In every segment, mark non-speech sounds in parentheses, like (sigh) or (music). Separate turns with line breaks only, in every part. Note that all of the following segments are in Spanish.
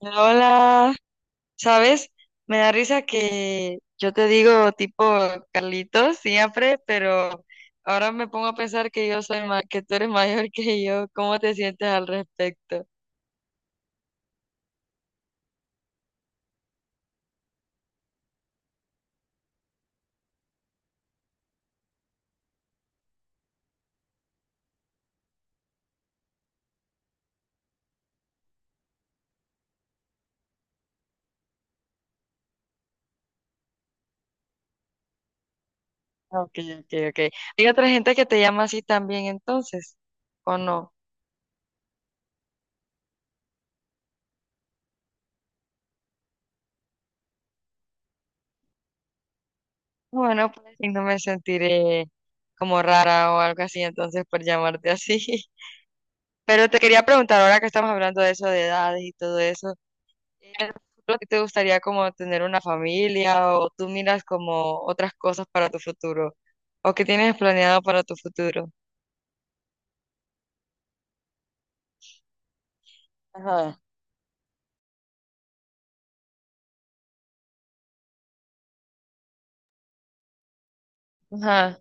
Hola, ¿sabes? Me da risa que yo te digo tipo Carlitos siempre, pero ahora me pongo a pensar que que tú eres mayor (laughs) que yo. ¿Cómo te sientes al respecto? Ah, Ok, ok, ok. ¿Hay otra gente que te llama así también entonces? ¿O no? Bueno, pues y no me sentiré como rara o algo así entonces por llamarte así. (laughs) Pero te quería preguntar, ahora que estamos hablando de eso, de edades y todo eso. ¿En el futuro a ti te gustaría como tener una familia o tú miras como otras cosas para tu futuro o qué tienes planeado para tu futuro? Ajá. Ajá,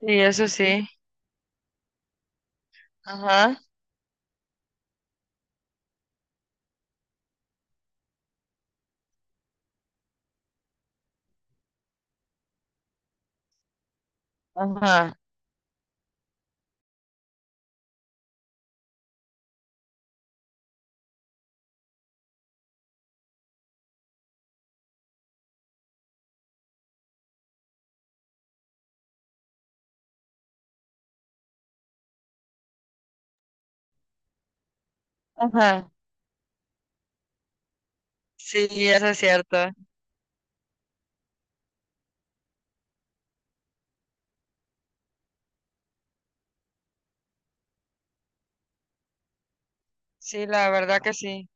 sí, eso sí. Ajá, ajá, ajá. Sí, eso es cierto. Sí, la verdad que sí.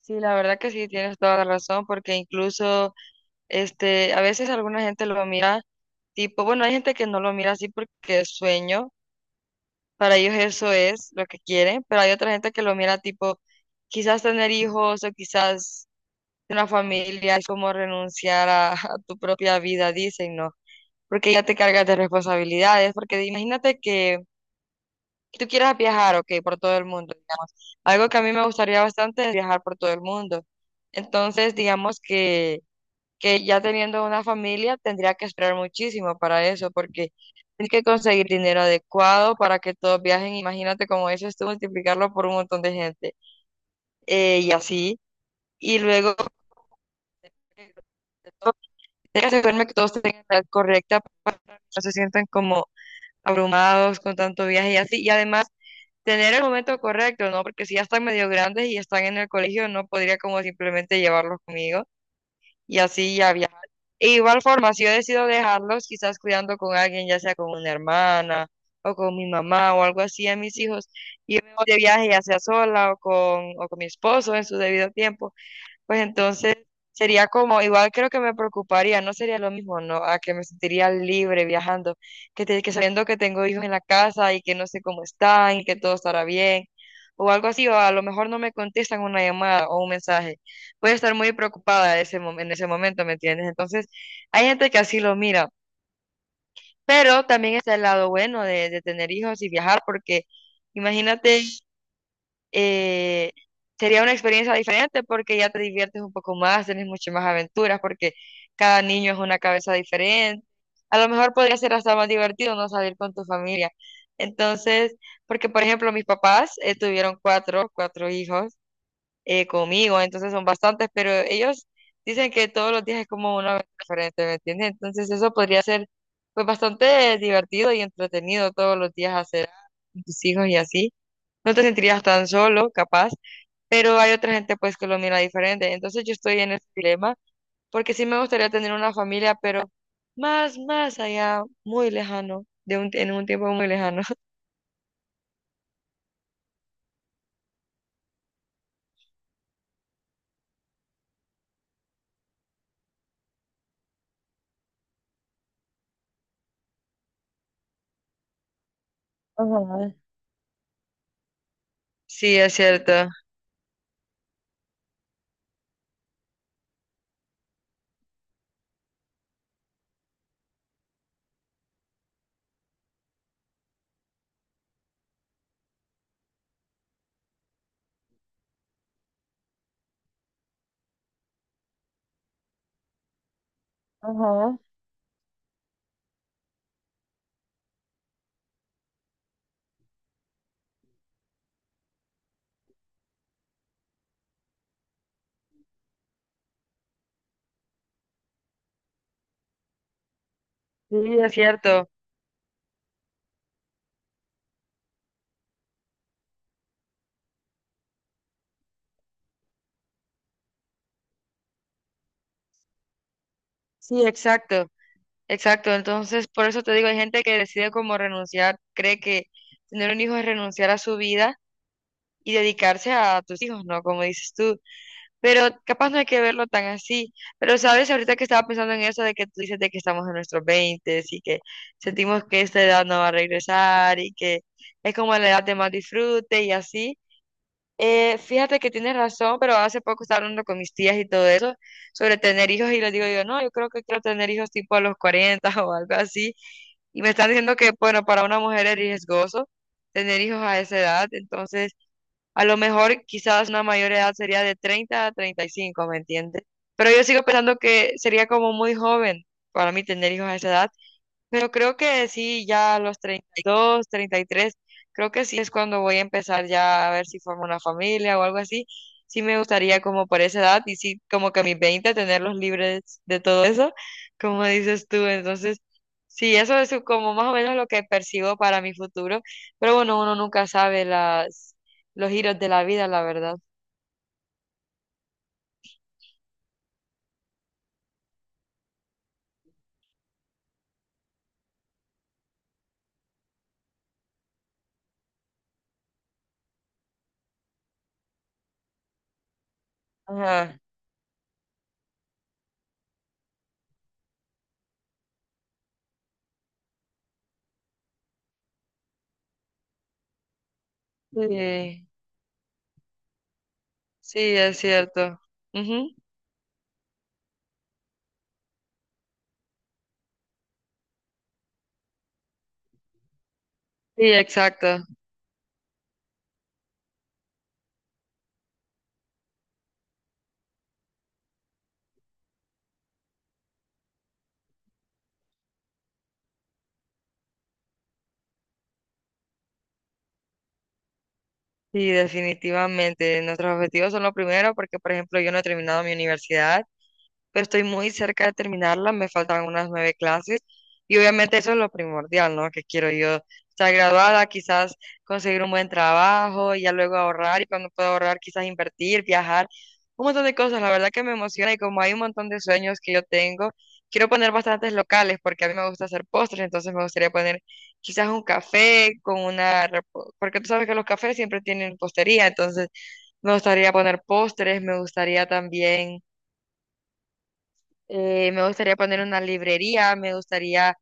Sí, la verdad que sí, tienes toda la razón porque incluso este, a veces alguna gente lo mira tipo, bueno, hay gente que no lo mira así porque es sueño. Para ellos eso es lo que quieren, pero hay otra gente que lo mira tipo, quizás tener hijos o quizás una familia es como renunciar a, (laughs) a tu propia vida, dicen, ¿no? Porque ya te cargas de responsabilidades, porque imagínate que tú quieras viajar, ok, por todo el mundo, digamos. Algo que a mí me gustaría bastante es viajar por todo el mundo. Entonces, digamos que ya teniendo una familia tendría que esperar muchísimo para eso, porque tienes que conseguir dinero adecuado para que todos viajen. Imagínate, como dices tú, multiplicarlo por un montón de gente y así. Y luego, eh, todo- tienes que asegurarme que todos tengan la edad correcta para que no se sientan como abrumados con tanto viaje y así. Y además, tener el momento correcto, ¿no? Porque si ya están medio grandes y están en el colegio, no podría como simplemente llevarlos conmigo y así ya viajar. E igual forma, si yo decido dejarlos, quizás cuidando con alguien, ya sea con una hermana o con mi mamá o algo así a mis hijos, y yo me voy de viaje ya sea sola o con mi esposo en su debido tiempo pues entonces sería como, igual creo que me preocuparía, no sería lo mismo, ¿no? A que me sentiría libre viajando, que sabiendo que tengo hijos en la casa y que no sé cómo están y que todo estará bien, o algo así, o a lo mejor no me contestan una llamada o un mensaje. Voy a estar muy preocupada en ese momento, ¿me entiendes? Entonces, hay gente que así lo mira, pero también está el lado bueno de tener hijos y viajar, porque imagínate eh, sería una experiencia diferente porque ya te diviertes un poco más, tenés muchas más aventuras porque cada niño es una cabeza diferente. A lo mejor podría ser hasta más divertido no salir con tu familia. Entonces, porque por ejemplo mis papás tuvieron cuatro, cuatro hijos conmigo, entonces son bastantes, pero ellos dicen que todos los días es como una aventura diferente, ¿me entiendes? Entonces eso podría ser pues bastante divertido y entretenido todos los días hacer con tus hijos y así. No te sentirías tan solo, capaz pero hay otra gente pues que lo mira diferente. Entonces yo estoy en ese dilema porque sí me gustaría tener una familia, pero más, más allá, muy lejano, en un tiempo muy lejano. (laughs) Ajá, sí, es cierto. Ajá, sí, es cierto. Sí, exacto, exacto. Entonces, por eso te digo, hay gente que decide como renunciar, cree que tener un hijo es renunciar a su vida y dedicarse a tus hijos, ¿no? Como dices tú. Pero capaz no hay que verlo tan así. Pero sabes, ahorita que estaba pensando en eso de que tú dices de que estamos en nuestros 20 y que sentimos que esta edad no va a regresar y que es como la edad de más disfrute y así. Fíjate que tienes razón, pero hace poco estaba hablando con mis tías y todo eso sobre tener hijos y les digo yo, no, yo creo que quiero tener hijos tipo a los 40 (laughs) o algo así. Y me están diciendo que, bueno, para una mujer es riesgoso tener hijos a esa edad. Entonces... A lo mejor quizás una mayor edad sería de 30 a 35, ¿me entiendes? Pero yo sigo pensando que sería como muy joven para mí tener hijos a esa edad, pero creo que sí, ya a los 32, 33 creo que sí es cuando voy a empezar ya a ver si formo una familia o algo así. Sí me gustaría como por esa edad y sí como que a mis 20 tenerlos libres de todo eso, como dices tú. Entonces, sí, eso es como más o menos lo que percibo para mi futuro. Pero bueno, uno nunca sabe las, los giros de la vida, la verdad. Ajá. Sí, sí, es cierto. Ujú. Sí, exacto. Sí, definitivamente. Nuestros objetivos son lo primero porque, por ejemplo, yo no he terminado mi universidad pero estoy muy cerca de terminarla, me faltan unas nueve clases y obviamente eso es lo primordial, ¿no? Que quiero yo estar graduada, quizás conseguir un buen trabajo y ya luego ahorrar y cuando pueda ahorrar quizás invertir, viajar, un montón de cosas, la verdad que me emociona y como hay un montón de sueños que yo tengo, quiero poner bastantes locales porque a mí me gusta hacer postres, entonces me gustaría poner quizás un café con porque tú sabes que los cafés siempre tienen postería, entonces... Me gustaría poner postres, me gustaría también me gustaría poner una librería, me gustaría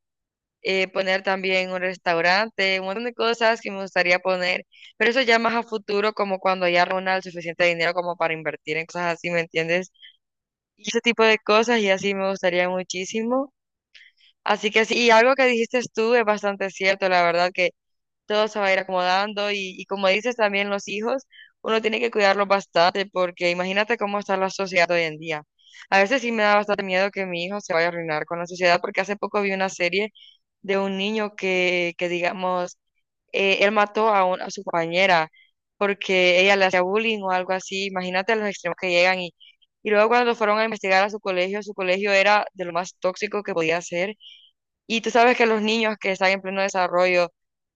poner también un restaurante, un montón de cosas que me gustaría poner, pero eso ya más a futuro, como cuando ya reúna el suficiente dinero como para invertir en cosas así, ¿me entiendes? Y ese tipo de cosas y así me gustaría muchísimo. Así que sí, y algo que dijiste tú es bastante cierto, la verdad que todo se va a ir acomodando como dices también los hijos, uno tiene que cuidarlos bastante porque imagínate cómo está la sociedad hoy en día. A veces sí me da bastante miedo que mi hijo se vaya a arruinar con la sociedad porque hace poco vi una serie de un niño que digamos, él mató a, a su compañera porque ella le hacía bullying o algo así. Imagínate los extremos que llegan luego cuando fueron a investigar a su colegio era de lo más tóxico que podía ser. Y tú sabes que los niños que están en pleno desarrollo,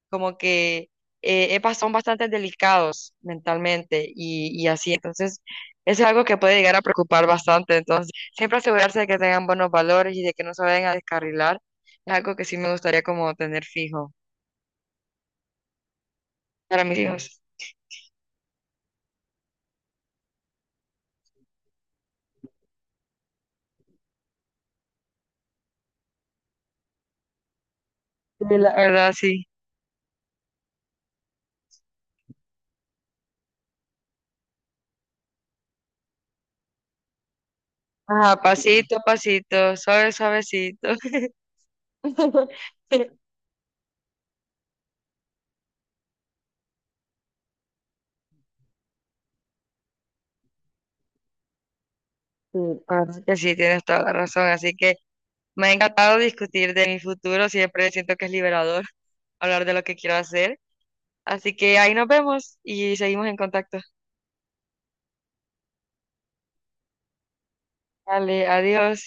como que son bastante delicados mentalmente así. Entonces, eso es algo que puede llegar a preocupar bastante. Entonces, siempre asegurarse de que tengan buenos valores y de que no se vayan a descarrilar es algo que sí me gustaría como tener fijo para mis hijos. Sí, la verdad, sí. Ajá, pasito a pasito, suave, suavecito. (laughs) Sí, la verdad que sí, tienes toda la razón. Así que me ha encantado discutir de mi futuro. Siempre siento que es liberador (laughs) hablar de lo que quiero hacer. Así que ahí nos vemos y seguimos en contacto. Vale, adiós.